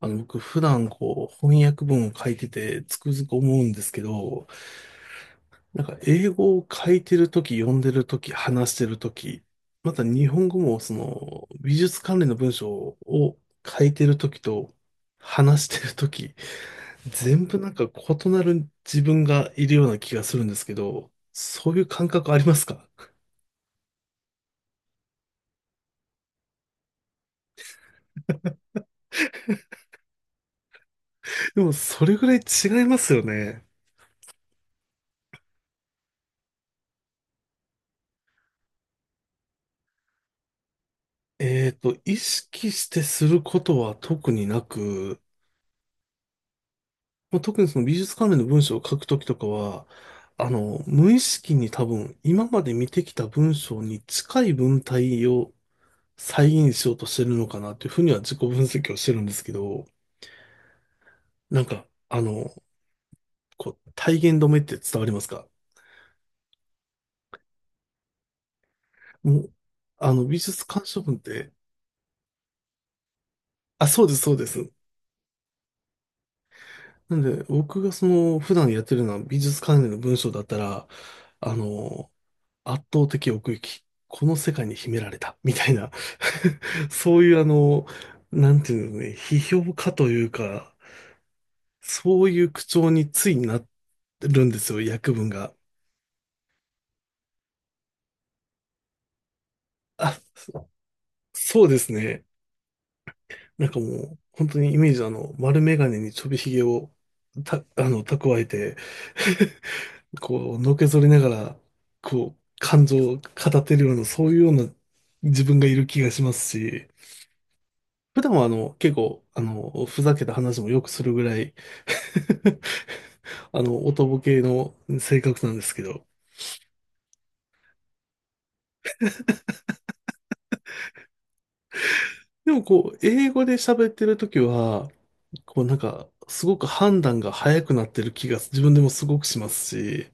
僕普段こう翻訳文を書いててつくづく思うんですけど、なんか英語を書いてるとき、読んでるとき、話してるとき、また日本語もその美術関連の文章を書いてるときと話してるとき、全部なんか異なる自分がいるような気がするんですけど、そういう感覚ありますか？ でもそれぐらい違いますよね。意識してすることは特になく、もう特にその美術関連の文章を書くときとかは、無意識に多分今まで見てきた文章に近い文体を再現しようとしてるのかなっていうふうには自己分析をしてるんですけど、なんか、あの、体言止めって伝わりますか？もう、あの、美術鑑賞文って、あ、そうです、そうです。なんで、僕がその、普段やってるのは美術関連の文章だったら、あの、圧倒的奥行き。この世界に秘められた。みたいな そういうあの、なんていうのね、批評家というか、そういう口調についなってるんですよ、訳文が。あ、そうですね。なんかもう、本当にイメージ丸眼鏡にちょびひげをた、あの、蓄えて、こう、のけぞりながら、こう、感情を語ってるような、そういうような自分がいる気がしますし、普段はあの、結構、あの、ふざけた話もよくするぐらい あの、おとぼけの性格なんですけど。でもこう、英語で喋ってるときは、こうなんか、すごく判断が早くなってる気が自分でもすごくしますし、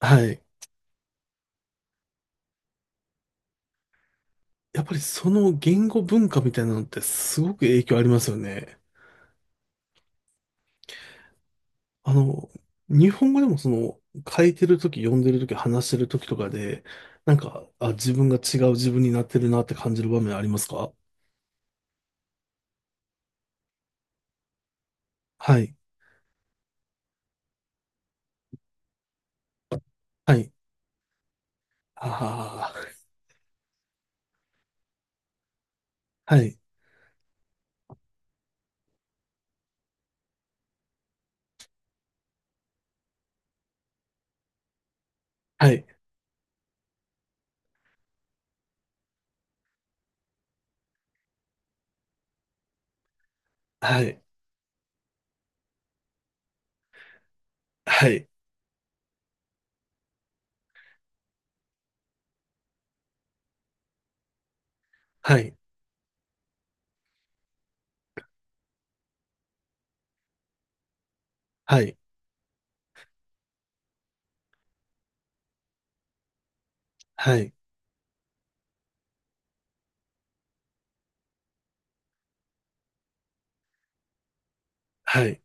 はい。やっぱりその言語文化みたいなのってすごく影響ありますよね。あの、日本語でもその、書いてるとき、読んでるとき、話してるときとかで、あ、自分が違う自分になってるなって感じる場面ありますか？はい。はい。ああ、はい。はい。はい。はい。はい。はい。はい。はい。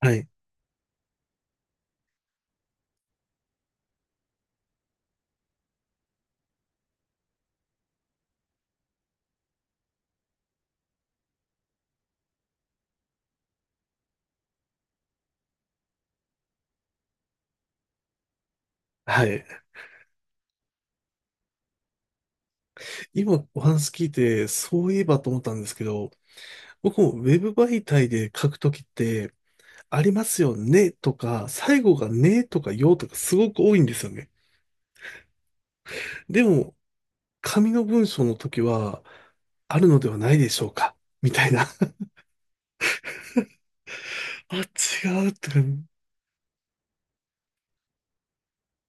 はい。はい。今お話聞いて、そういえばと思ったんですけど、僕もウェブ媒体で書くときって、ありますよねとか、最後がねとかよとかすごく多いんですよね。でも、紙の文章の時は、あるのではないでしょうかみたいな。あ、違うって。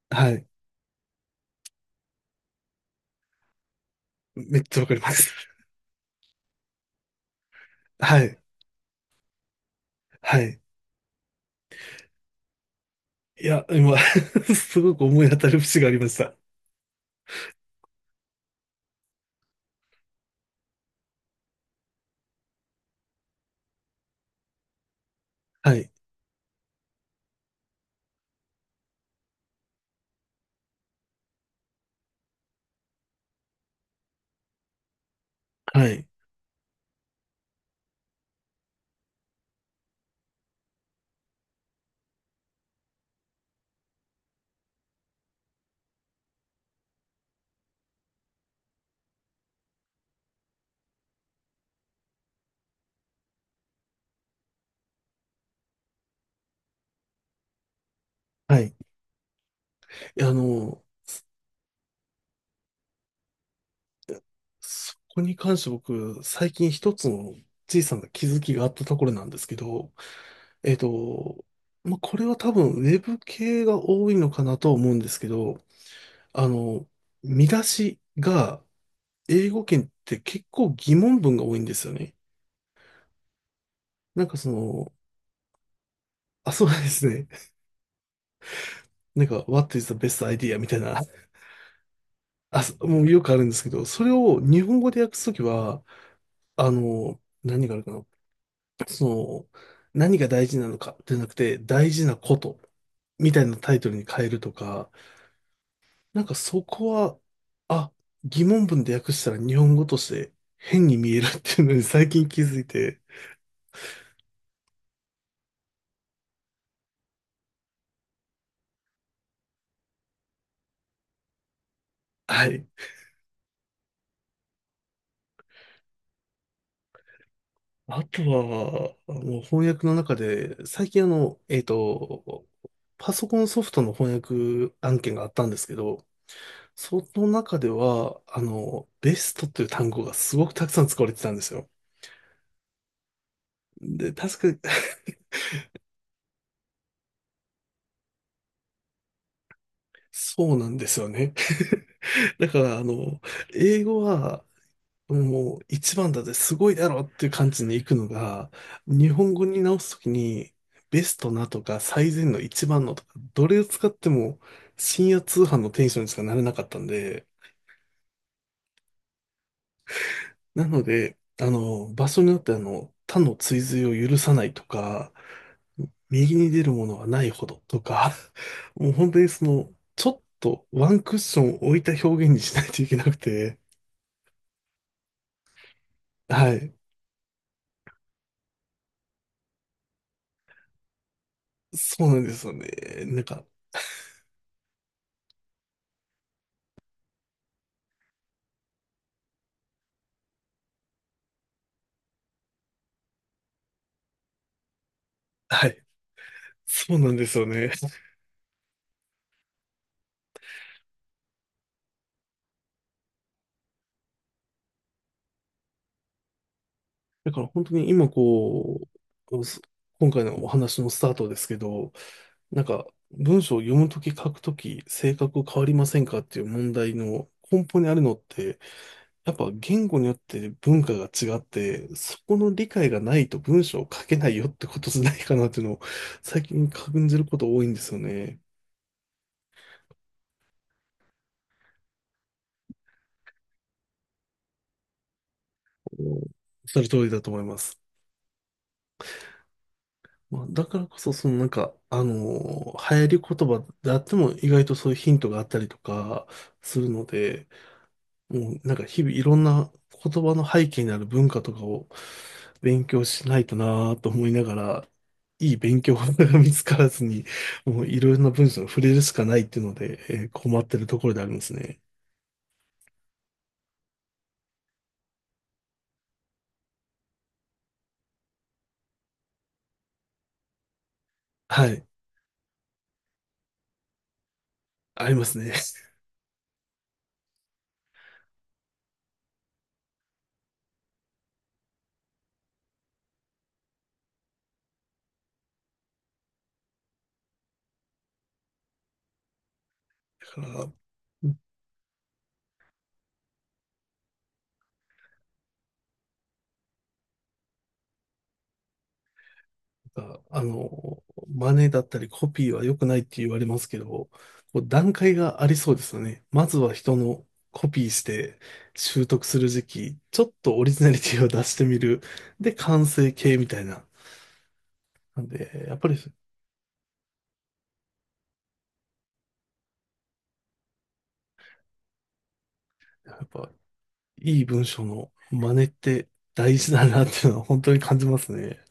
はい。めっちゃわかります。はい。はい。いや、今 すごく思い当たる節がありました。はい。はい。はい。いやそこに関して僕、最近一つの小さな気づきがあったところなんですけど、えっと、まあ、これは多分、ウェブ系が多いのかなとは思うんですけど、あの、見出しが、英語圏って結構疑問文が多いんですよね。なんかその、あ、そうですね。なんか、What is the best idea? みたいな。あ、そ、もうよくあるんですけど、それを日本語で訳すときは、何があるかな。その、何が大事なのかじゃなくて、大事なことみたいなタイトルに変えるとか、なんかそこは、あ、疑問文で訳したら日本語として変に見えるっていうのに最近気づいて、はい。あとは、もう翻訳の中で、最近パソコンソフトの翻訳案件があったんですけど、その中では、ベストという単語がすごくたくさん使われてたんですよ。で、確かに、そうなんですよね。だから、英語は、もう一番だぜ、すごいだろっていう感じに行くのが、日本語に直すときに、ベストなとか、最善の一番のとか、どれを使っても、深夜通販のテンションにしかなれなかったんで、なので、場所によって他の追随を許さないとか、右に出るものはないほどとか、もう本当にその、ちょっとワンクッション置いた表現にしないといけなくて、はい。そうなんですよね。なんか、はい。そうなんですよね。だから本当に今こう、す今回のお話のスタートですけど、なんか文章を読むとき書くとき性格変わりませんかっていう問題の根本にあるのってやっぱ言語によって文化が違って、そこの理解がないと文章を書けないよってことじゃないかなっていうのを最近感じること多いんですよね。おっしゃる通りだと思います。まあ、だからこそ、そのなんか、流行り言葉であっても意外とそういうヒントがあったりとかするので、もうなんか日々いろんな言葉の背景にある文化とかを勉強しないとなぁと思いながら、いい勉強法が見つからずに、もういろいろな文章に触れるしかないっていうので、困ってるところでありますね。はい。ありますね。だから、あ真似だったりコピーは良くないって言われますけど、こう段階がありそうですよね。まずは人のコピーして習得する時期、ちょっとオリジナリティを出してみる。で、完成形みたいな。なんで、やっぱり、やっぱ、いい文章の真似って大事だなっていうのは本当に感じますね。